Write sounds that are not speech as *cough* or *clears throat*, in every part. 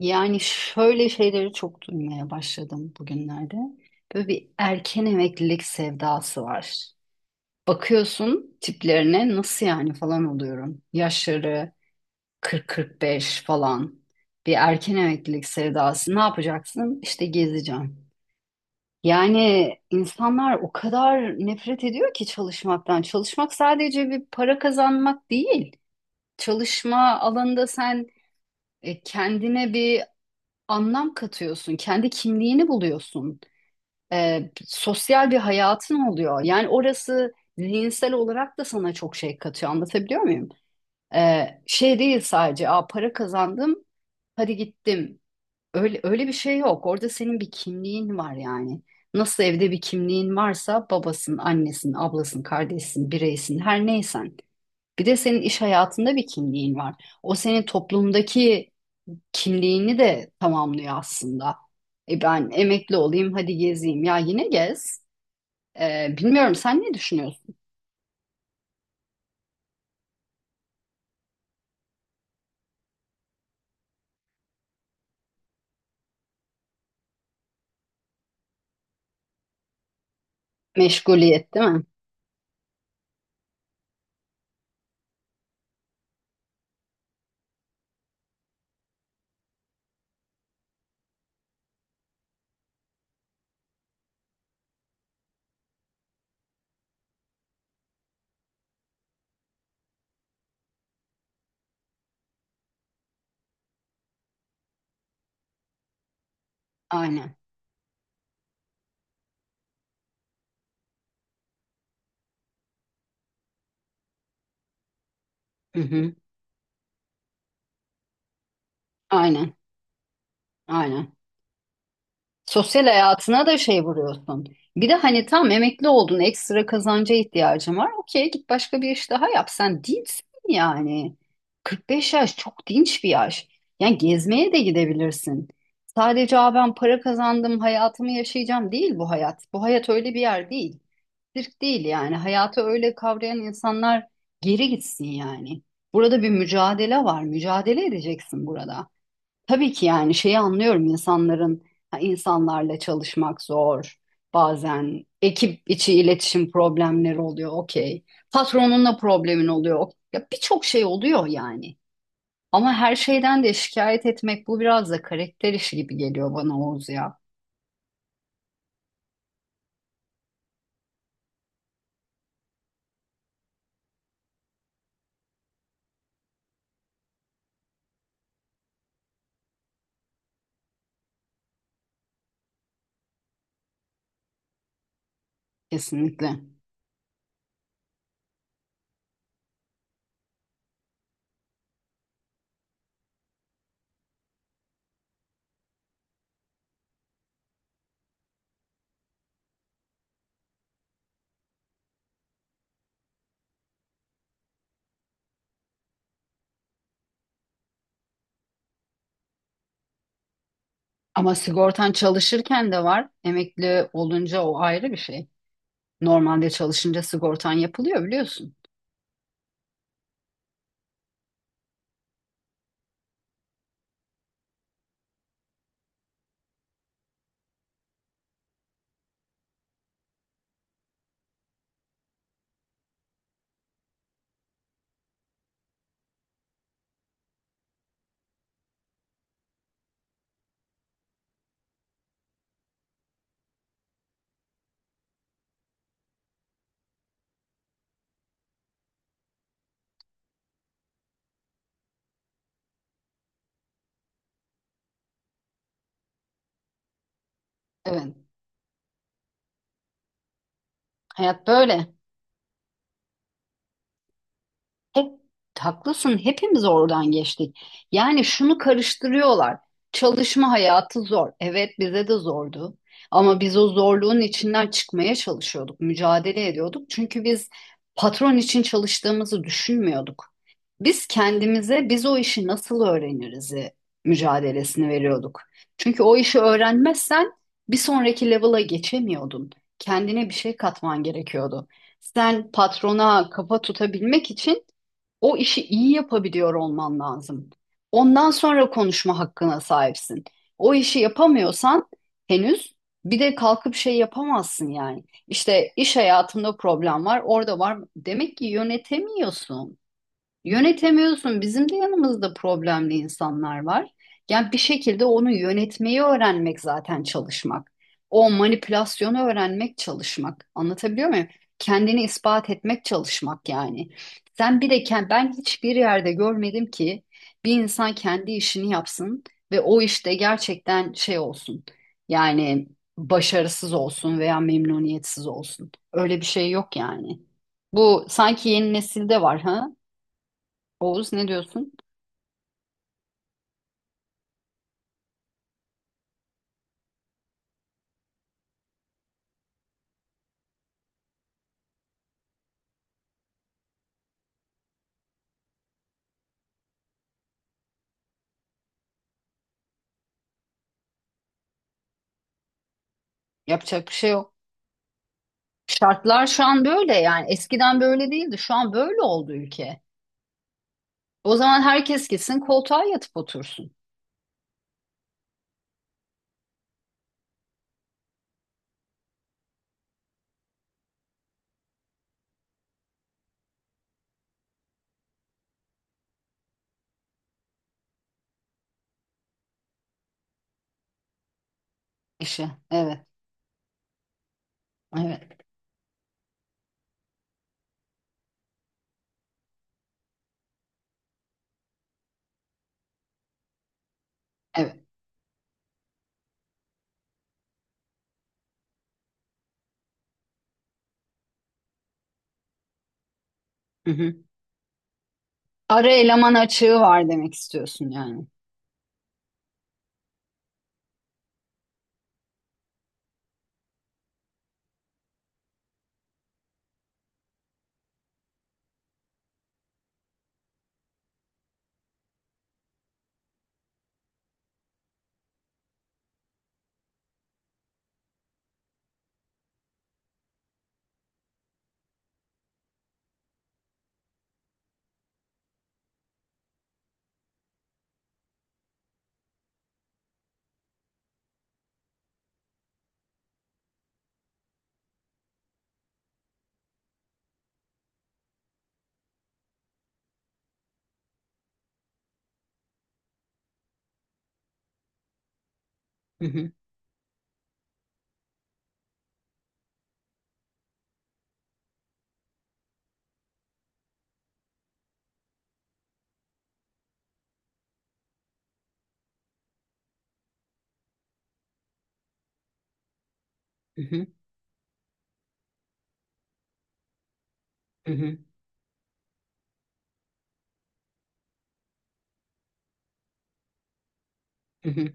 Yani şöyle şeyleri çok duymaya başladım bugünlerde. Böyle bir erken emeklilik sevdası var. Bakıyorsun tiplerine nasıl yani falan oluyorum. Yaşları 40-45 falan. Bir erken emeklilik sevdası. Ne yapacaksın? İşte gezeceğim. Yani insanlar o kadar nefret ediyor ki çalışmaktan. Çalışmak sadece bir para kazanmak değil. Çalışma alanında sen kendine bir anlam katıyorsun, kendi kimliğini buluyorsun. Sosyal bir hayatın oluyor. Yani orası zihinsel olarak da sana çok şey katıyor. Anlatabiliyor muyum? Şey değil sadece, para kazandım, hadi gittim. Öyle öyle bir şey yok. Orada senin bir kimliğin var yani. Nasıl evde bir kimliğin varsa babasın, annesin, ablasın, kardeşsin, bireysin, her neysen. Bir de senin iş hayatında bir kimliğin var. O senin toplumdaki kimliğini de tamamlıyor aslında. E ben emekli olayım, hadi gezeyim. Ya yine gez. Bilmiyorum, sen ne düşünüyorsun? Meşguliyet değil mi? Aynen. Hı hı. Aynen. Aynen. Sosyal hayatına da şey vuruyorsun. Bir de hani tam emekli oldun, ekstra kazanca ihtiyacın var. Okey, git başka bir iş daha yap. Sen dinçsin yani. 45 yaş çok dinç bir yaş. Yani gezmeye de gidebilirsin. Sadece ben para kazandım, hayatımı yaşayacağım değil bu hayat. Bu hayat öyle bir yer değil. Sirk değil yani. Hayatı öyle kavrayan insanlar geri gitsin yani. Burada bir mücadele var. Mücadele edeceksin burada. Tabii ki yani şeyi anlıyorum insanların ha, insanlarla çalışmak zor. Bazen ekip içi iletişim problemleri oluyor. Okey. Patronunla problemin oluyor. Ya birçok şey oluyor yani. Ama her şeyden de şikayet etmek bu biraz da karakter işi gibi geliyor bana, Oğuz ya. Kesinlikle. Ama sigortan çalışırken de var. Emekli olunca o ayrı bir şey. Normalde çalışınca sigortan yapılıyor, biliyorsun. Evet. Hayat böyle. Hep haklısın. Hepimiz oradan geçtik. Yani şunu karıştırıyorlar. Çalışma hayatı zor. Evet, bize de zordu. Ama biz o zorluğun içinden çıkmaya çalışıyorduk, mücadele ediyorduk. Çünkü biz patron için çalıştığımızı düşünmüyorduk. Biz kendimize biz o işi nasıl öğreniriz mücadelesini veriyorduk. Çünkü o işi öğrenmezsen bir sonraki level'a geçemiyordun. Kendine bir şey katman gerekiyordu. Sen patrona kafa tutabilmek için o işi iyi yapabiliyor olman lazım. Ondan sonra konuşma hakkına sahipsin. O işi yapamıyorsan henüz bir de kalkıp şey yapamazsın yani. İşte iş hayatında problem var, orada var. Demek ki yönetemiyorsun. Yönetemiyorsun. Bizim de yanımızda problemli insanlar var. Yani bir şekilde onu yönetmeyi öğrenmek zaten çalışmak. O manipülasyonu öğrenmek çalışmak. Anlatabiliyor muyum? Kendini ispat etmek çalışmak yani. Sen bir de ben hiçbir yerde görmedim ki bir insan kendi işini yapsın ve o işte gerçekten şey olsun. Yani başarısız olsun veya memnuniyetsiz olsun. Öyle bir şey yok yani. Bu sanki yeni nesilde var, ha? Oğuz, ne diyorsun? Yapacak bir şey yok. Şartlar şu an böyle yani, eskiden böyle değildi. Şu an böyle oldu ülke. O zaman herkes gitsin koltuğa yatıp otursun işe. Evet, evet, evet. Hı hı. Ara eleman açığı var demek istiyorsun yani. Hı hı, hı hı, hı hı, hı hı.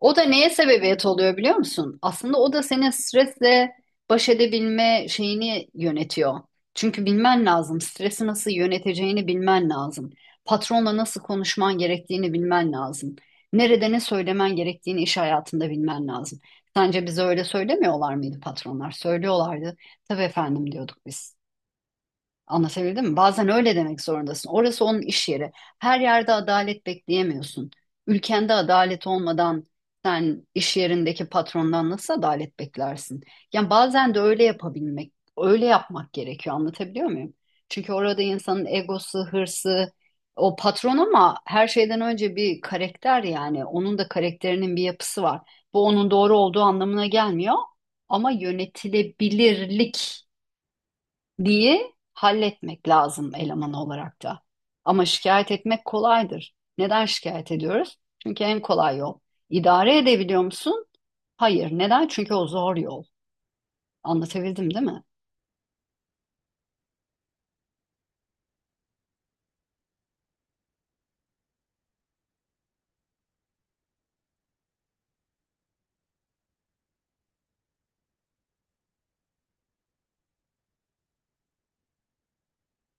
O da neye sebebiyet oluyor biliyor musun? Aslında o da senin stresle baş edebilme şeyini yönetiyor. Çünkü bilmen lazım. Stresi nasıl yöneteceğini bilmen lazım. Patronla nasıl konuşman gerektiğini bilmen lazım. Nerede ne söylemen gerektiğini iş hayatında bilmen lazım. Sence bize öyle söylemiyorlar mıydı patronlar? Söylüyorlardı. Tabii efendim diyorduk biz. Anlatabildim mi? Bazen öyle demek zorundasın. Orası onun iş yeri. Her yerde adalet bekleyemiyorsun. Ülkende adalet olmadan sen iş yerindeki patrondan nasıl adalet beklersin? Yani bazen de öyle yapabilmek, öyle yapmak gerekiyor. Anlatabiliyor muyum? Çünkü orada insanın egosu, hırsı, o patron, ama her şeyden önce bir karakter yani. Onun da karakterinin bir yapısı var. Bu onun doğru olduğu anlamına gelmiyor. Ama yönetilebilirlik diye halletmek lazım eleman olarak da. Ama şikayet etmek kolaydır. Neden şikayet ediyoruz? Çünkü en kolay yol. İdare edebiliyor musun? Hayır. Neden? Çünkü o zor yol. Anlatabildim değil mi?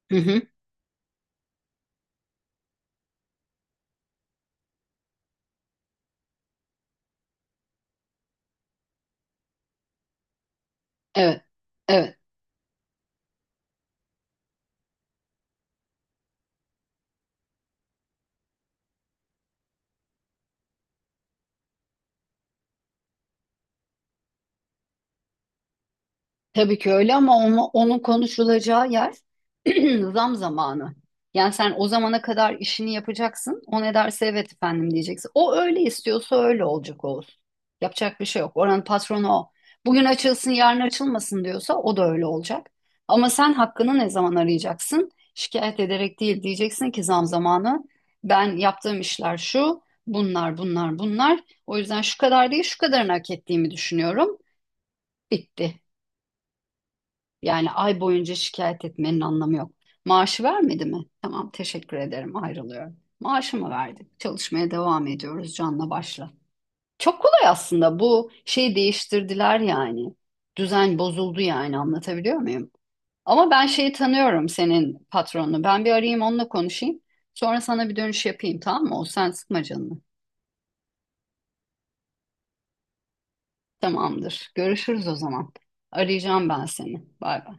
Hı hı. Evet. Evet. Tabii ki öyle, ama onu, onun konuşulacağı yer *clears throat* zam zamanı. Yani sen o zamana kadar işini yapacaksın. O ne derse evet efendim diyeceksin. O öyle istiyorsa öyle olacak olsun. Yapacak bir şey yok. Oranın patronu o. Bugün açılsın yarın açılmasın diyorsa o da öyle olacak. Ama sen hakkını ne zaman arayacaksın? Şikayet ederek değil, diyeceksin ki zam zamanı. Ben yaptığım işler şu, bunlar bunlar bunlar. O yüzden şu kadar değil şu kadarını hak ettiğimi düşünüyorum. Bitti. Yani ay boyunca şikayet etmenin anlamı yok. Maaşı vermedi mi? Tamam, teşekkür ederim, ayrılıyorum. Maaşımı verdik. Çalışmaya devam ediyoruz canla başla. Çok kolay aslında bu şeyi değiştirdiler yani. Düzen bozuldu yani, anlatabiliyor muyum? Ama ben şeyi tanıyorum, senin patronunu. Ben bir arayayım, onunla konuşayım. Sonra sana bir dönüş yapayım, tamam mı? O sen sıkma canını. Tamamdır. Görüşürüz o zaman. Arayacağım ben seni. Bay bay.